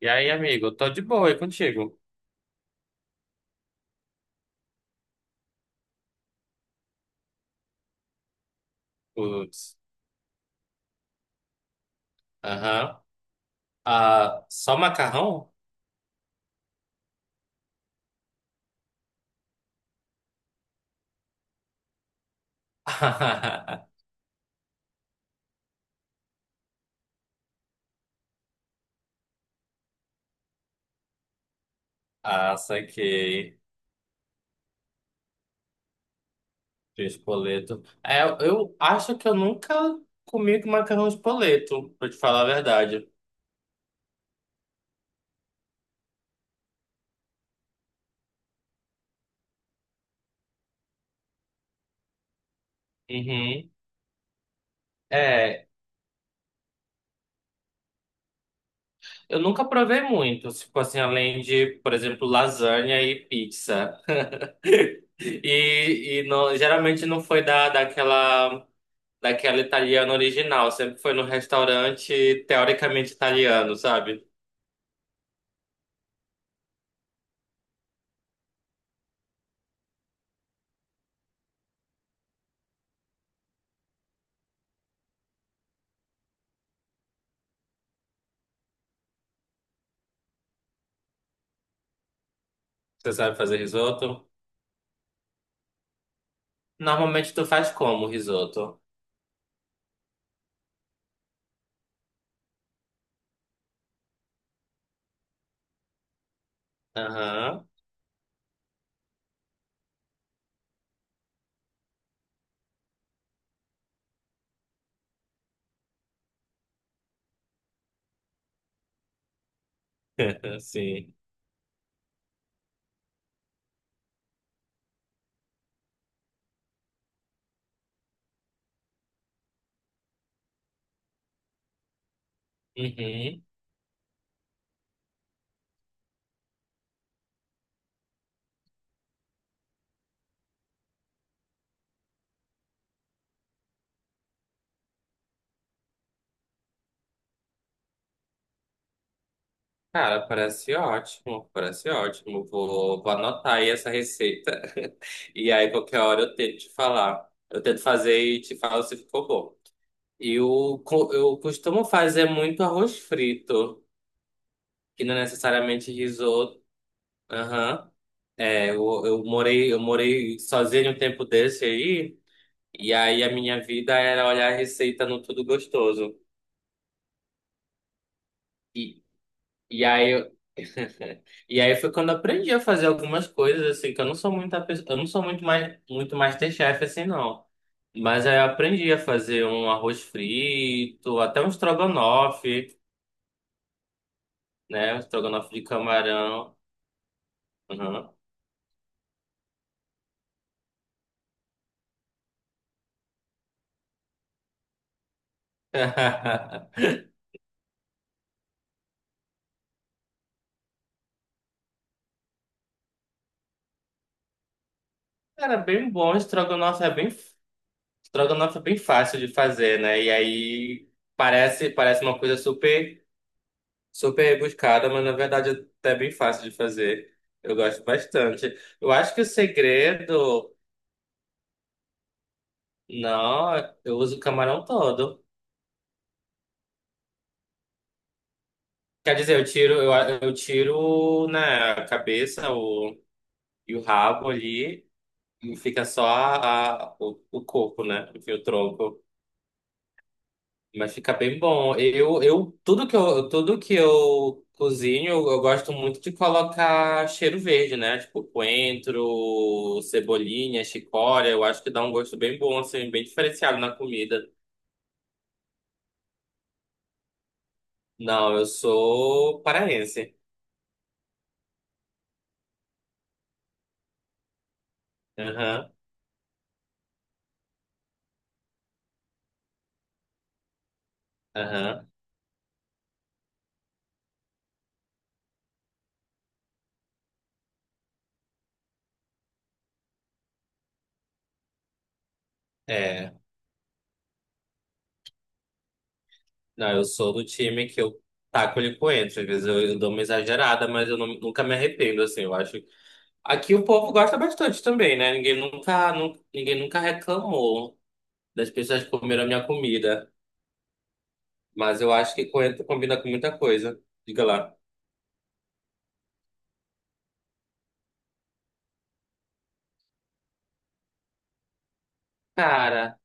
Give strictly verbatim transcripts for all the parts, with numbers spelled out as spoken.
E aí, amigo, tô de boa aí contigo. Putz. Aham. Ah, só macarrão? Ah, saquei. De espoleto. É, eu acho que eu nunca comi com macarrão espoleto, pra te falar a verdade. Uhum. É, eu nunca provei muito, tipo assim, além de, por exemplo, lasanha e pizza. E, e não- geralmente não foi da, daquela, daquela italiana original, sempre foi no restaurante teoricamente italiano, sabe? Você sabe fazer risoto? Normalmente tu faz como risoto? Aham, sim. Uhum. Cara, parece ótimo, parece ótimo. Vou, vou anotar aí essa receita. E aí, qualquer hora eu tento te falar. Eu tento fazer e te falo se ficou bom. Eu, co- eu costumo fazer muito arroz frito, que não é necessariamente risoto. Aham. É, eu, eu morei, eu morei sozinho um tempo desse aí, e aí a minha vida era olhar a receita no Tudo Gostoso. E aí eu... E aí foi quando eu aprendi a fazer algumas coisas assim, que eu não sou muita pessoa, eu não sou muito mais muito MasterChef assim não. Mas aí eu aprendi a fazer um arroz frito, até um estrogonofe, né? Um estrogonofe de camarão. Uhum. Cara, bem bom, estrogonofe é bem estrogonofe é bem fácil de fazer, né? E aí parece parece uma coisa super Super rebuscada, mas na verdade é até bem fácil de fazer. Eu gosto bastante. Eu acho que o segredo. Não, eu uso o camarão todo. Quer dizer, eu tiro, eu, eu tiro, né, a cabeça o, e o rabo ali e fica só a, a- o, o corpo, né? Enfim, o tronco. Mas fica bem bom. Eu, eu, tudo que eu, tudo que eu cozinho, eu gosto muito de colocar cheiro verde, né? Tipo coentro, cebolinha, chicória. Eu acho que dá um gosto bem bom, assim, bem diferenciado na comida. Não, eu sou paraense. Aham, aham. É. Não, eu sou do time que eu taco-lhe coentro. Às vezes eu, eu dou uma exagerada, mas eu não- nunca me arrependo, assim. Eu acho. Aqui o povo gosta bastante também, né? Ninguém nunca, nu- ninguém nunca reclamou das pessoas que comeram a minha comida. Mas eu acho que coentro combina com muita coisa. Diga lá. Cara,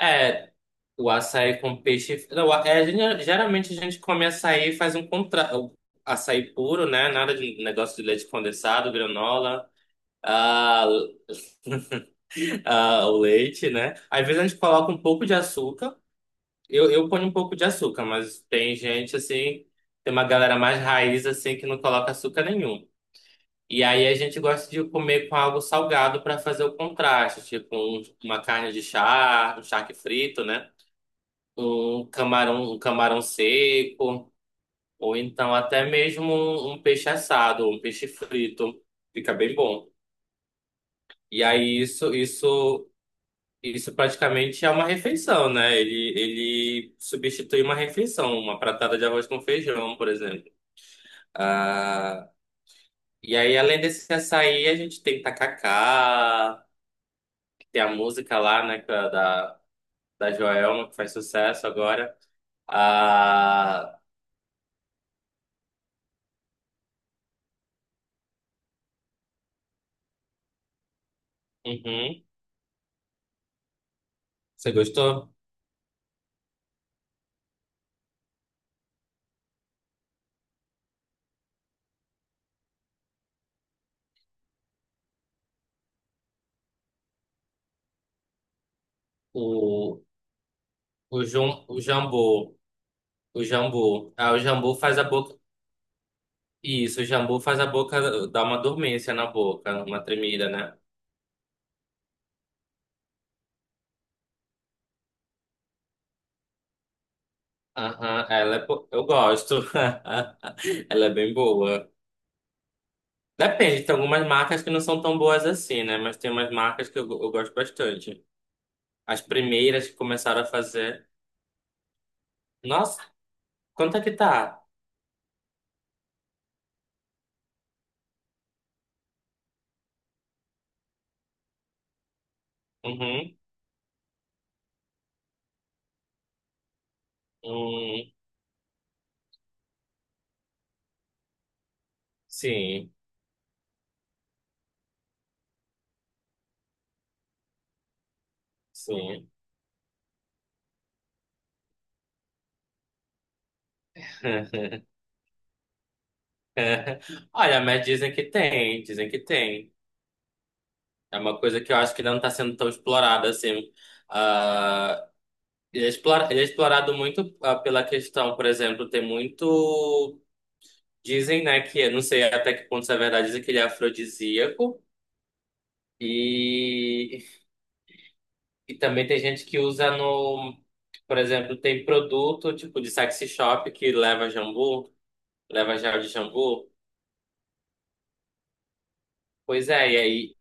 é. O açaí com peixe. Não, é, a gente- geralmente a gente come açaí e faz um contra... O açaí puro, né? Nada de negócio de leite condensado, granola, ah, ah, o leite, né? Às vezes a gente coloca um pouco de açúcar. Eu, eu ponho um pouco de açúcar, mas tem gente assim, tem uma galera mais raiz assim que não coloca açúcar nenhum. E aí a gente gosta de comer com algo salgado para fazer o contraste, tipo um- uma carne de charque, um charque frito, né? Um camarão, um camarão seco, ou então até mesmo um, um peixe assado, um peixe frito, fica bem bom. E aí isso, isso, isso praticamente é uma refeição, né? Ele, ele substitui uma refeição, uma pratada de arroz com feijão, por exemplo. Ah, e aí além desse açaí, a gente tem tacacá. Tem a música lá, né, que é da, da Joelma, que faz sucesso agora. Ah, uhum. Você gostou? O, o, Jum, o Jambu. O Jambu. Ah, o Jambu faz a boca. Isso, o Jambu faz a boca dar uma dormência na boca, uma tremida, né? Aham, ela é. bo- Eu gosto. Ela é bem boa. Depende, tem algumas marcas que não são tão boas assim, né? Mas tem umas marcas que eu, eu gosto bastante. As primeiras que começaram a fazer. Nossa, quanto é que tá? Uhum, hum. Sim, sim. Olha, mas dizem que tem, dizem que tem. É uma coisa que eu acho que ainda não está sendo tão explorada assim. Ah, ele é explora- ele é explorado muito ah, pela questão, por exemplo, tem muito. Dizem, né, que eu não sei até que ponto isso é verdade, dizem que ele é afrodisíaco. E, e também tem gente que usa no. Por exemplo, tem produto tipo de sexy shop que leva jambu, leva gel de jambu. Pois é, e aí.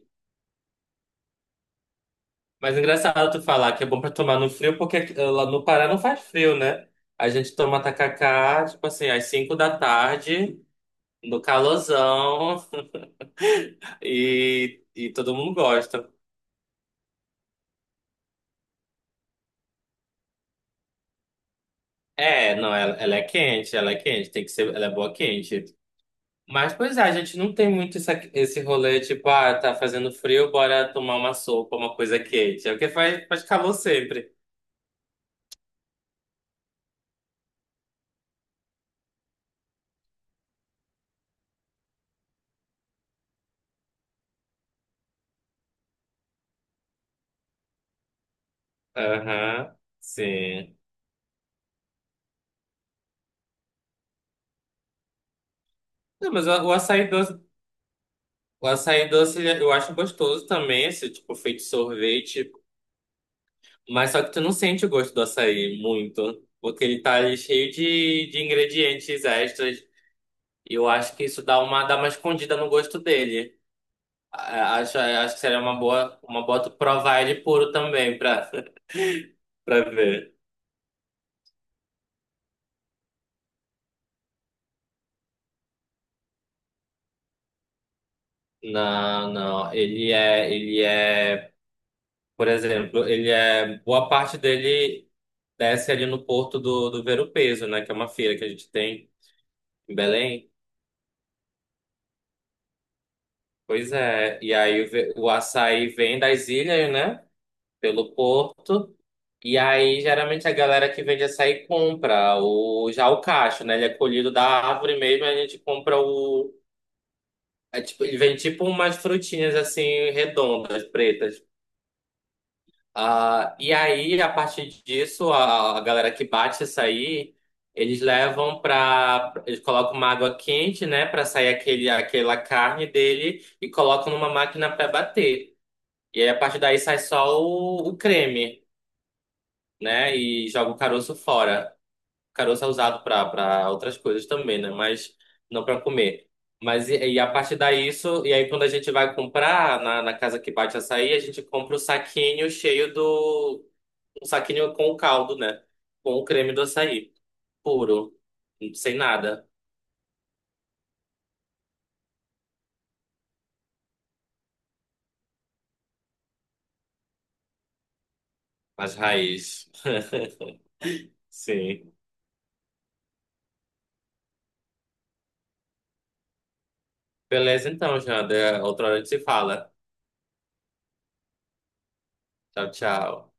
Mas é engraçado tu falar que é bom pra tomar no frio, porque aqui- lá no Pará não faz frio, né? A gente toma tacacá, tipo assim, às cinco da tarde, no calorzão, e, e todo mundo gosta. É, não, ela, ela é quente, ela é quente, tem que ser, ela é boa quente. Mas, pois é, a gente não tem muito essa, esse rolê, tipo, ah, tá fazendo frio, bora tomar uma sopa, uma coisa quente. É o que faz, faz calor sempre. Aham, sim. Não, mas o, o açaí doce. O açaí doce ele- eu acho gostoso também, esse tipo feito sorvete, mas só que tu não sente o gosto do açaí muito, porque ele tá ali cheio de, de ingredientes extras. E eu acho que isso dá uma dá uma escondida no gosto dele. A- Acho, acho que seria uma boa uma boa tu provar ele puro também pra, pra ver. Não, não, ele é ele é, por exemplo, ele é boa parte dele desce ali no Porto do do Ver-o-Peso, né, que é uma feira que a gente tem em Belém. Pois é, e aí ve- o açaí vem das ilhas, né? Pelo porto. E aí, geralmente, a galera que vende açaí compra o, já o cacho, né? Ele é colhido da árvore mesmo, a gente compra o. É tipo, ele vem tipo umas frutinhas assim, redondas, pretas. Ah, e aí, a partir disso, a, a galera que bate açaí, eles levam pra. Eles colocam uma água quente, né? Pra sair aquele, aquela carne dele e colocam numa máquina pra bater. E aí, a partir daí sai só o, o creme, né? E joga o caroço fora. O caroço é usado para para outras coisas também, né? Mas não para comer. Mas e, e a partir daí isso, e aí quando a gente vai comprar na, na casa que bate açaí, a gente compra o saquinho cheio do um saquinho com o caldo, né? Com o creme do açaí, puro, sem nada, as raízes. Sim. Beleza então, Janda. Outra hora a gente se fala. Tchau, tchau.